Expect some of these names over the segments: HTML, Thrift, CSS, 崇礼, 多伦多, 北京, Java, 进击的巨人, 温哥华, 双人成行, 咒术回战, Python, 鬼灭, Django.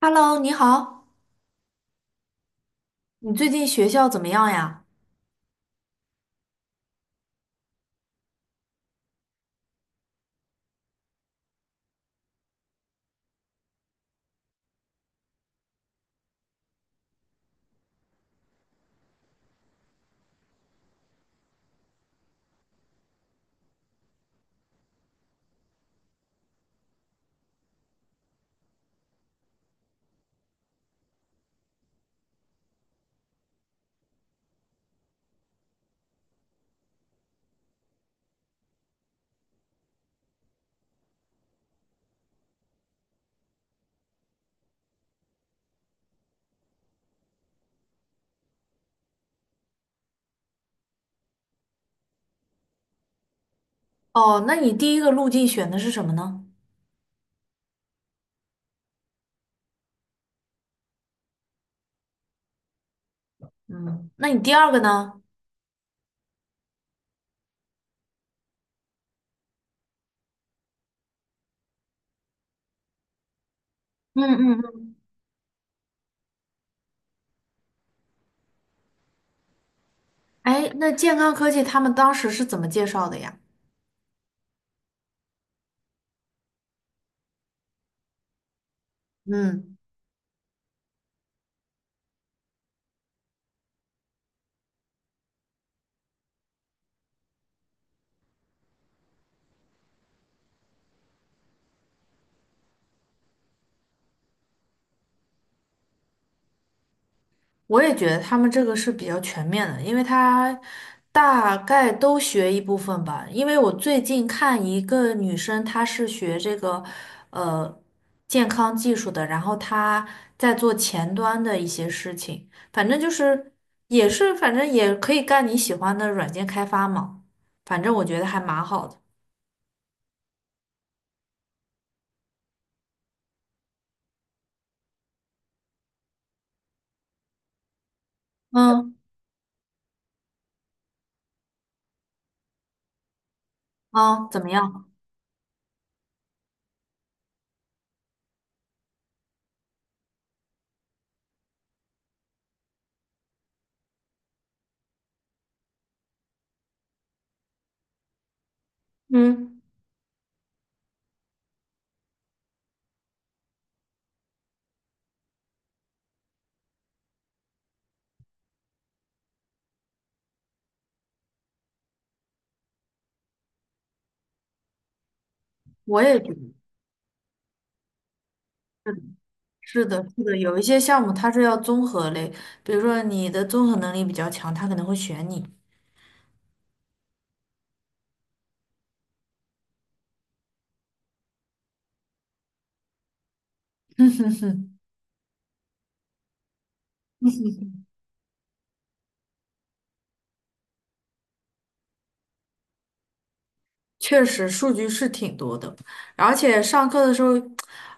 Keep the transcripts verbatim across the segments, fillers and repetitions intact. Hello，你好，你最近学校怎么样呀？哦，那你第一个路径选的是什么呢？嗯，那你第二个呢？嗯嗯嗯。哎，那健康科技他们当时是怎么介绍的呀？嗯。我也觉得他们这个是比较全面的，因为他大概都学一部分吧。因为我最近看一个女生，她是学这个呃健康技术的，然后她在做前端的一些事情，反正就是也是反正也可以干你喜欢的软件开发嘛，反正我觉得还蛮好的。嗯嗯，怎么样？嗯。我也觉得。是的，是的，有一些项目它是要综合类，比如说你的综合能力比较强，他可能会选你。确实，数据是挺多的，而且上课的时候，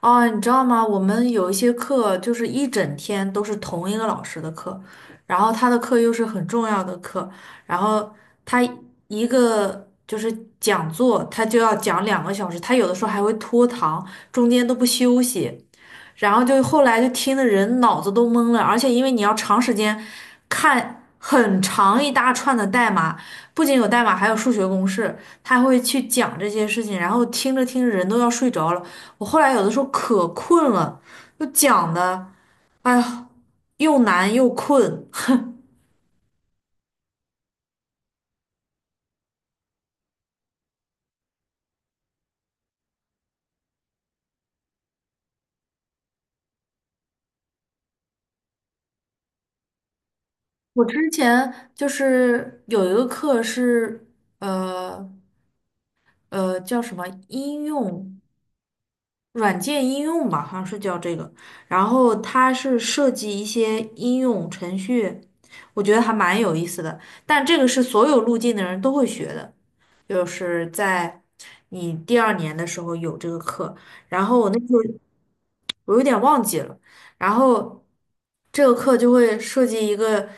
哦，你知道吗？我们有一些课就是一整天都是同一个老师的课，然后他的课又是很重要的课，然后他一个就是讲座，他就要讲两个小时，他有的时候还会拖堂，中间都不休息。然后就后来就听的人脑子都懵了，而且因为你要长时间看很长一大串的代码，不仅有代码，还有数学公式，他会去讲这些事情，然后听着听着人都要睡着了。我后来有的时候可困了，就讲的，哎呀，又难又困。我之前就是有一个课是，呃呃，叫什么应用。软件应用吧，好像是叫这个。然后它是设计一些应用程序，我觉得还蛮有意思的。但这个是所有路径的人都会学的，就是在你第二年的时候有这个课。然后我那时候我有点忘记了，然后这个课就会设计一个，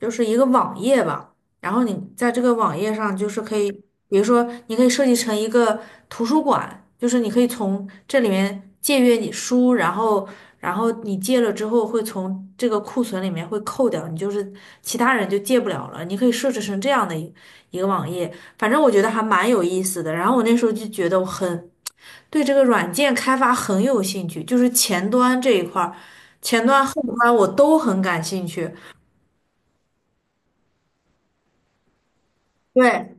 就是一个网页吧。然后你在这个网页上就是可以，比如说你可以设计成一个图书馆，就是你可以从这里面借阅你书，然后然后你借了之后会从这个库存里面会扣掉，你就是其他人就借不了了。你可以设置成这样的一一个网页，反正我觉得还蛮有意思的。然后我那时候就觉得我很对这个软件开发很有兴趣，就是前端这一块儿，前端后端我都很感兴趣。对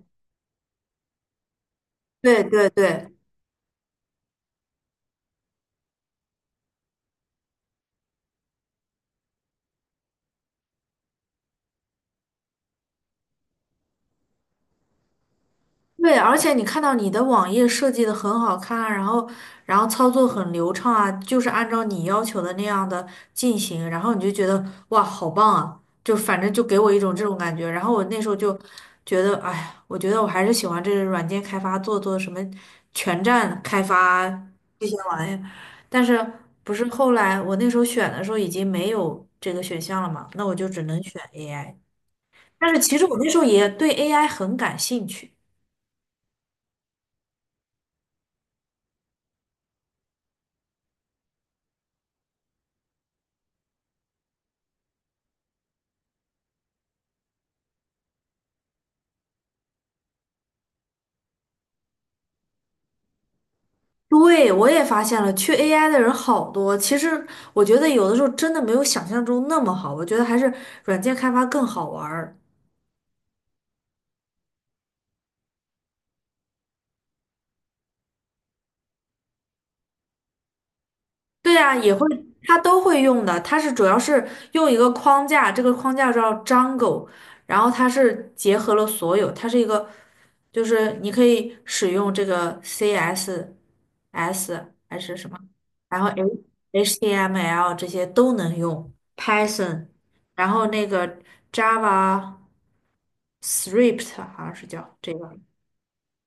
对对对。对，而且你看到你的网页设计的很好看啊，然后然后操作很流畅啊，就是按照你要求的那样的进行，然后你就觉得哇，好棒啊！就反正就给我一种这种感觉。然后我那时候就觉得，哎呀，我觉得我还是喜欢这个软件开发，做做什么全站开发这些玩意儿。但是不是后来我那时候选的时候已经没有这个选项了嘛？那我就只能选 A I。但是其实我那时候也对 A I 很感兴趣。对，我也发现了，去 A I 的人好多。其实我觉得有的时候真的没有想象中那么好，我觉得还是软件开发更好玩儿。对啊，也会，它都会用的。它是主要是用一个框架，这个框架叫 Django，然后它是结合了所有，它是一个，就是你可以使用这个 C S S 还是什么，然后 H- HTML 这些都能用，Python，然后那个 Java。Thrift 好像是叫这个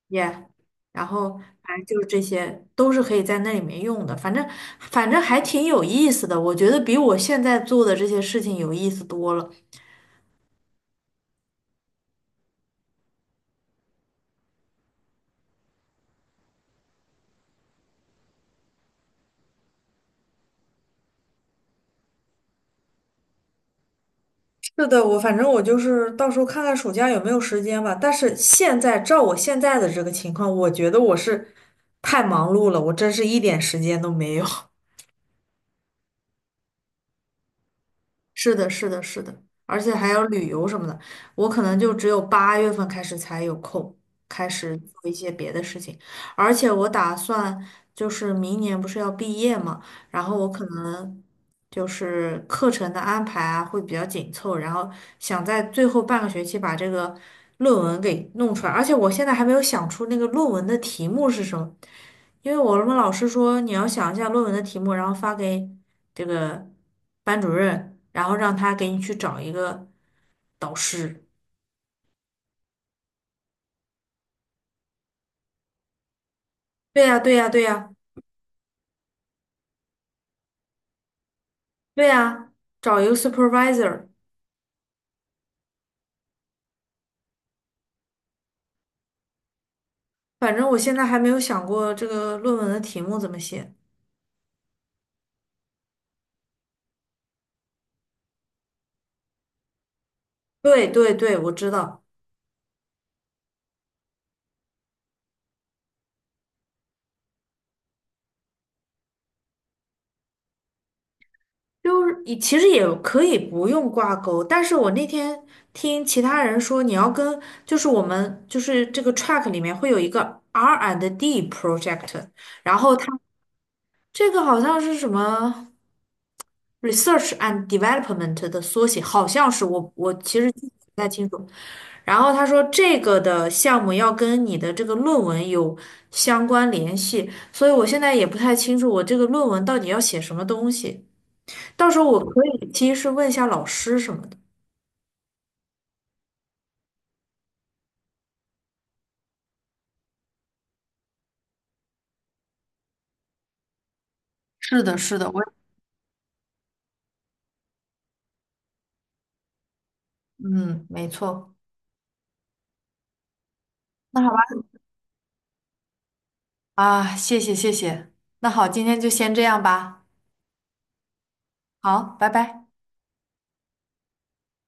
，yeah，然后反正就是这些都是可以在那里面用的，反正反正还挺有意思的，我觉得比我现在做的这些事情有意思多了。是的，我反正我就是到时候看看暑假有没有时间吧。但是现在照我现在的这个情况，我觉得我是太忙碌了，我真是一点时间都没有。是的，是的，是的，而且还有旅游什么的，我可能就只有八月份开始才有空，开始做一些别的事情。而且我打算就是明年不是要毕业嘛，然后我可能就是课程的安排啊会比较紧凑，然后想在最后半个学期把这个论文给弄出来。而且我现在还没有想出那个论文的题目是什么，因为我们老师说你要想一下论文的题目，然后发给这个班主任，然后让他给你去找一个导师。对呀，对呀，对呀，对呀，找一个 supervisor。反正我现在还没有想过这个论文的题目怎么写。对对对，我知道，就是你其实也可以不用挂钩，但是我那天听其他人说，你要跟就是我们就是这个 track 里面会有一个 R and D project。然后他。这个好像是什么 research and development 的缩写，好像是我我其实记不太清楚。然后他说这个的项目要跟你的这个论文有相关联系，所以我现在也不太清楚我这个论文到底要写什么东西。到时候我可以其实问一下老师什么的。是的，是的，我嗯，没错。那好吧，啊，谢谢谢谢。那好，今天就先这样吧。好，拜拜。